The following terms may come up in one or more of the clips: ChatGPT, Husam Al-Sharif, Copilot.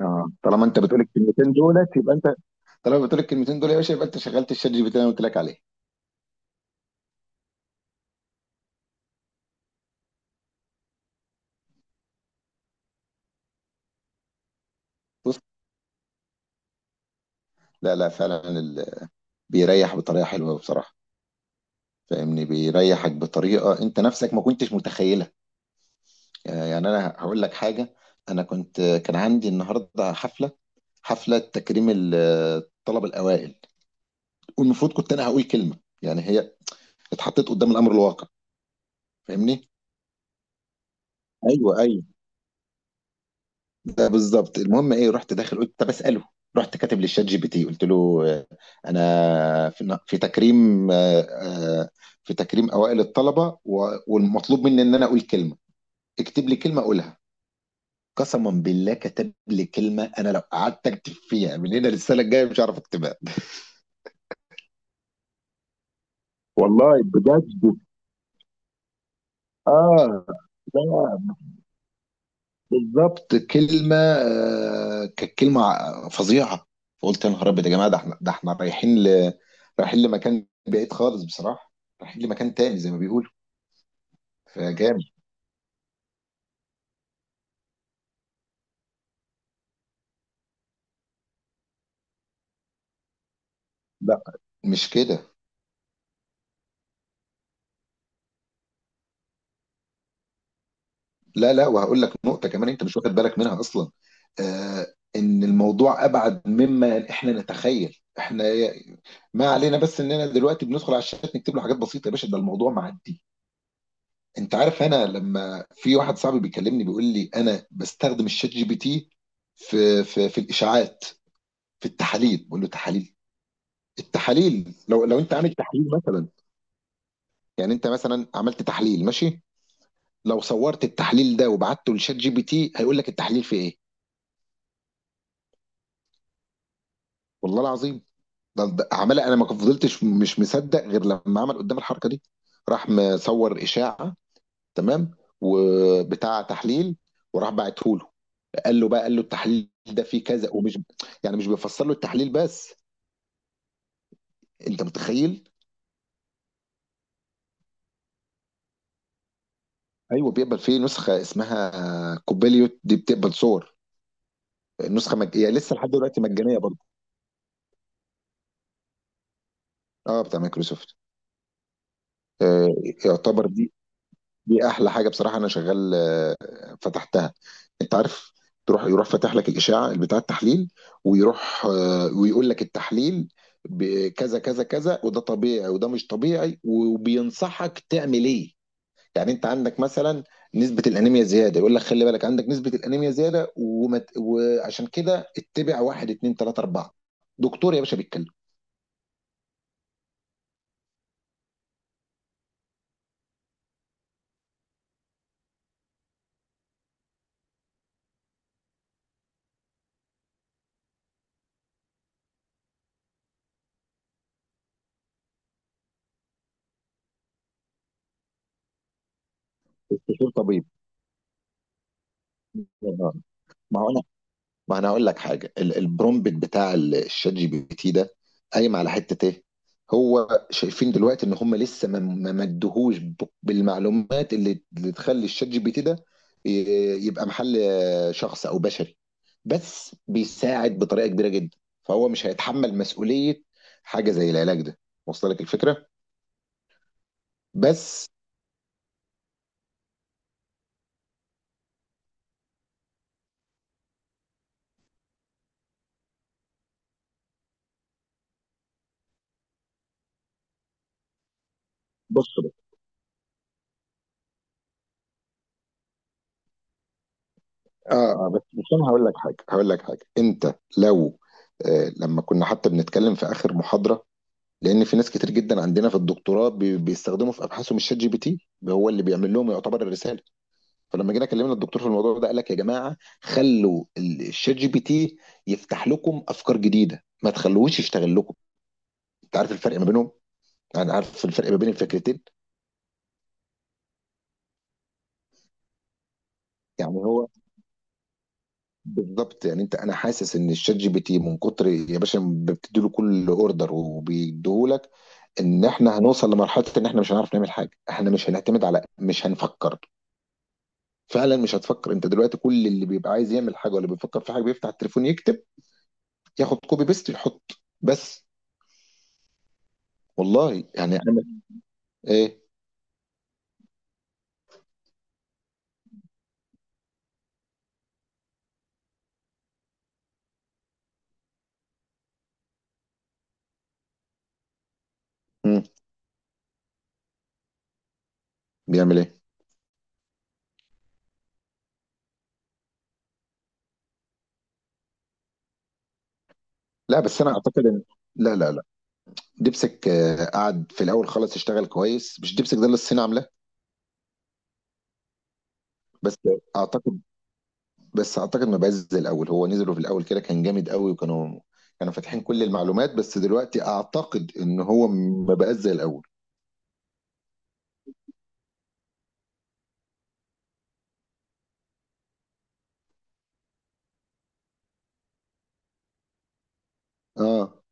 اه، طالما انت بتقول الكلمتين دولت يبقى انت طالما بتقول الكلمتين دول يا باشا يبقى انت شغلت الشات جي بي تي اللي انا قلت لك عليه. بص. لا، لا، فعلا، بيريح بطريقه حلوه بصراحه. فاهمني، بيريحك بطريقه انت نفسك ما كنتش متخيلها. يعني انا هقول لك حاجه، انا كان عندي النهارده حفله. حفله تكريم الطلبه الاوائل، والمفروض كنت انا هقول كلمه، يعني هي اتحطيت قدام الامر الواقع. فاهمني. ايوه، ايوه، ده بالظبط. المهم ايه، رحت داخل قلت طب اساله. رحت كاتب للشات جي بي تي، قلت له انا في تكريم، في تكريم اوائل الطلبه والمطلوب مني ان انا اقول كلمه، اكتب لي كلمه اقولها. قسما بالله كتب لي كلمه انا لو قعدت اكتب فيها من هنا للسنه الجايه مش هعرف اكتبها. والله بجد. اه. لا. بالظبط كلمة كانت كلمة فظيعة. فقلت يا نهار أبيض يا جماعة، ده احنا، رايحين لمكان بعيد خالص بصراحة، رايحين لمكان تاني زي ما بيقولوا. فجامد. لا مش كده. لا، لا، وهقول لك نقطة كمان أنت مش واخد بالك منها أصلا، آه إن الموضوع أبعد مما إحنا نتخيل. إحنا ما علينا بس إننا دلوقتي بندخل على الشات نكتب له حاجات بسيطة، يا باشا ده الموضوع معدي. انت عارف، انا لما في واحد صاحبي بيكلمني بيقول لي انا بستخدم الشات جي بي تي في الاشاعات، في التحاليل. بقول له تحاليل. التحاليل، لو انت عامل تحليل مثلا، يعني انت مثلا عملت تحليل ماشي، لو صورت التحليل ده وبعته للشات جي بي تي هيقول لك التحليل فيه ايه. والله العظيم. ده عمال، انا ما فضلتش مش مصدق غير لما عمل قدام الحركه دي. راح مصور اشاعه، تمام، وبتاع تحليل، وراح بعته له، قال له بقى، قال له التحليل ده فيه كذا، ومش يعني، مش بيفسر له التحليل بس. انت متخيل؟ ايوه بيقبل. فيه نسخه اسمها كوبيليوت، دي بتقبل صور. النسخه يعني لسه لحد دلوقتي مجانيه برضه. اه، بتاع مايكروسوفت. آه يعتبر دي احلى حاجه بصراحه. انا شغال، فتحتها. انت عارف، يروح فاتح لك الاشاعه بتاع التحليل، ويروح ويقول لك التحليل بكذا كذا كذا، وده طبيعي وده مش طبيعي، وبينصحك تعمل ايه. يعني انت عندك مثلا نسبة الانيميا زيادة، يقول لك خلي بالك عندك نسبة الانيميا زيادة، وعشان كده اتبع واحد اتنين تلاتة اربعة. دكتور يا باشا بيتكلم. استشير طبيب. آه. ما هو انا ما انا اقول لك حاجه، البرومبت بتاع الشات جي بي تي ده قايم على حته ايه. هو شايفين دلوقتي ان هم لسه ما مدهوش بالمعلومات اللي تخلي الشات جي بي تي ده يبقى محل شخص او بشري، بس بيساعد بطريقه كبيره جدا، فهو مش هيتحمل مسؤوليه حاجه زي العلاج ده. وصل لك الفكره؟ بس. بص بقى. اه. بس انا هقول لك حاجه، انت لو لما كنا حتى بنتكلم في اخر محاضره، لان في ناس كتير جدا عندنا في الدكتوراه بيستخدموا في ابحاثهم الشات جي بي تي، هو اللي بيعمل لهم يعتبر الرساله. فلما جينا كلمنا الدكتور في الموضوع ده قال لك يا جماعه، خلوا الشات جي بي تي يفتح لكم افكار جديده، ما تخلوهوش يشتغل لكم. انت عارف الفرق ما بينهم؟ يعني عارف الفرق ما بين الفكرتين؟ يعني هو بالظبط. يعني انا حاسس ان الشات جي بي تي من كتر يا باشا بتدي له كل اوردر وبيديهولك، ان احنا هنوصل لمرحله ان احنا مش هنعرف نعمل حاجه، احنا مش هنعتمد على، مش هنفكر. فعلا مش هتفكر. انت دلوقتي كل اللي بيبقى عايز يعمل حاجه ولا بيفكر في حاجه بيفتح التليفون يكتب، ياخد كوبي بيست يحط. بس. والله يعني اعمل ايه. مم. بيعمل ايه. لا، بس انا اعتقد ان... لا، لا، لا، ديبسك قعد في الاول خالص اشتغل كويس. مش ديبسك ده اللي الصين عاملاه. بس اعتقد، ما بقاش زي الاول. هو نزلوا في الاول كده كان جامد قوي، وكانوا فاتحين كل المعلومات، بس دلوقتي اعتقد ان هو ما بقاش زي الاول. اه.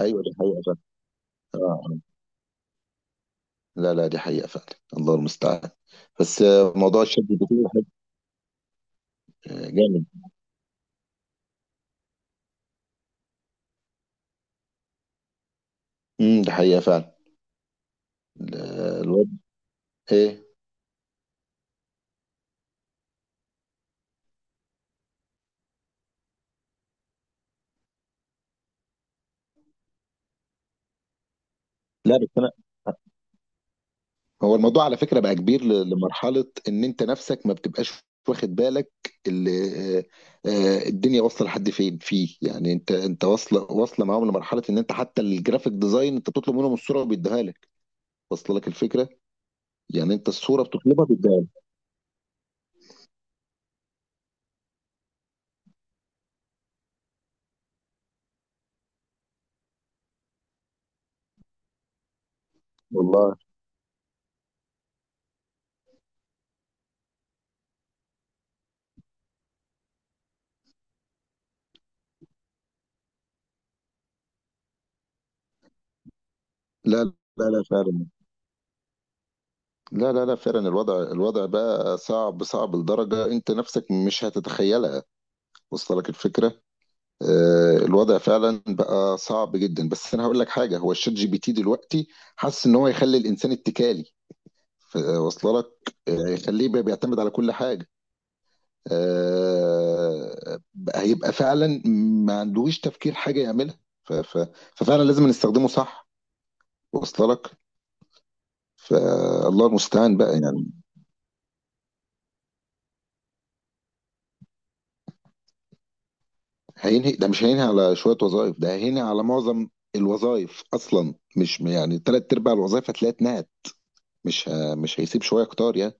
ايوه، ده حقيقة فعلا. اه. لا، لا، دي حقيقة فعلا. الله المستعان. بس موضوع الشد الجزيري حلو، جامد. دي حقيقة فعلا. ال- الواد ايه؟ لا بس انا، هو الموضوع على فكرة بقى كبير لمرحلة ان انت نفسك ما بتبقاش واخد بالك. اللي آه، آه، الدنيا واصلة لحد فين فيه يعني. انت واصلة، معاهم لمرحلة ان انت حتى الجرافيك ديزاين انت بتطلب منهم الصورة وبيديها لك. واصلة لك الفكرة؟ يعني انت الصورة بتطلبها بيديها لك. والله. لا، لا، لا، فعلا. لا، لا، لا، فعلا، الوضع بقى صعب صعب لدرجة انت نفسك مش هتتخيلها. وصل لك الفكرة؟ الوضع فعلا بقى صعب جدا، بس انا هقول لك حاجة. هو الشات جي بي تي دلوقتي، حاسس ان هو يخلي الانسان اتكالي. ف- وصل لك. يخليه بقى بيعتمد على كل حاجة. بقى هيبقى فعلا ما عندوش تفكير حاجة يعملها. ف- ف- ففعلا لازم نستخدمه صح. وصل لك. فالله المستعان بقى يعني. هينهي، ده مش هينهي على شوية وظائف، ده هينهي على معظم الوظائف أصلا. مش يعني، تلات أرباع الوظائف هتلاقيها اتنهت. مش هيسيب شوية كتار يعني.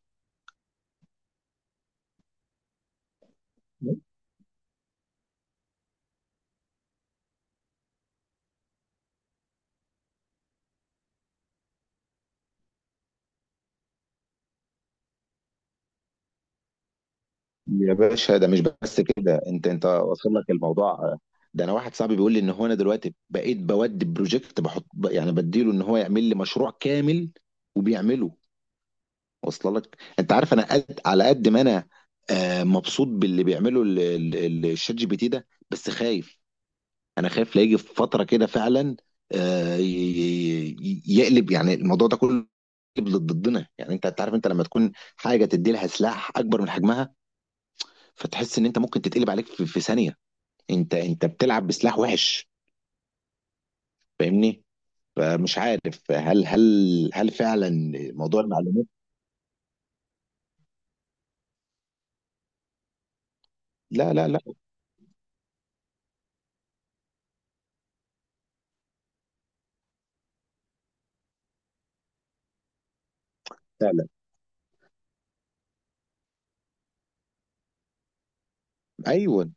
يا باشا ده مش بس كده، انت واصل لك الموضوع. ده انا واحد صاحبي بيقول لي ان هو انا دلوقتي بقيت بودي بروجكت بحط، يعني بديله ان هو يعمل لي مشروع كامل، وبيعمله. واصل لك. انت عارف انا قد على قد ما انا مبسوط باللي بيعمله الشات جي بي تي ده، بس خايف. انا خايف لا يجي في فتره كده فعلا، آه، ي- يقلب يعني الموضوع ده كله، يقلب ضدنا. يعني انت، أنت عارف، انت لما تكون حاجه تدي لها سلاح اكبر من حجمها، فتحس ان انت ممكن تتقلب عليك في ثانيه. انت بتلعب بسلاح وحش. فاهمني. فمش عارف هل فعلا موضوع المعلومات... لا، لا، لا، فعلا. ايوه.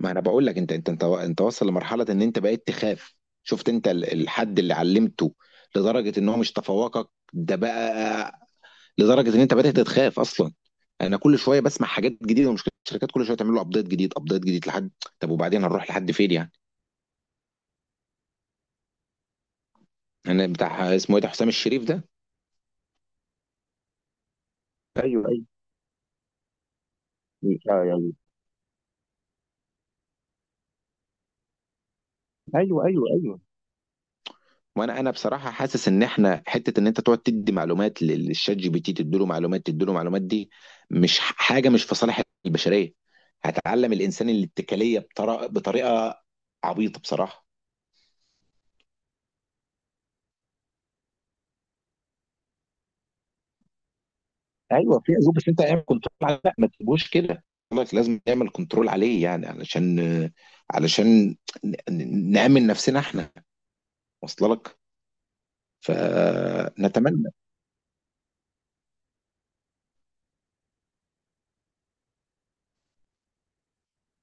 ما انا بقول لك، انت واصل لمرحله ان انت بقيت تخاف. شفت انت الحد اللي علمته لدرجه ان هو مش تفوقك ده بقى، لدرجه ان انت بدات تخاف اصلا. انا كل شويه بسمع حاجات جديده، ومشكله الشركات كل شويه تعمل له ابديت جديد، ابديت جديد لحد. طب وبعدين هنروح لحد فين يعني؟ انا بتاع اسمه ايه ده، حسام الشريف ده؟ ايوه، ايوه، ايوه. ايوه، ايوه، ايوه. وانا بصراحه حاسس ان احنا حته، ان انت تقعد تدي معلومات للشات جي بي تي، تديله معلومات تديله معلومات، دي مش حاجه مش في صالح البشريه. هتعلم الانسان الاتكاليه بطريقه، بطريقه عبيطه بصراحه. أيوه، في أسلوب، بس أنت اعمل كنترول عليه، لأ ما تسيبوش كده. بيقول لك لازم نعمل كنترول عليه، يعني علشان، علشان ن ن نأمن نفسنا إحنا. واصلة لك؟ فنتمنى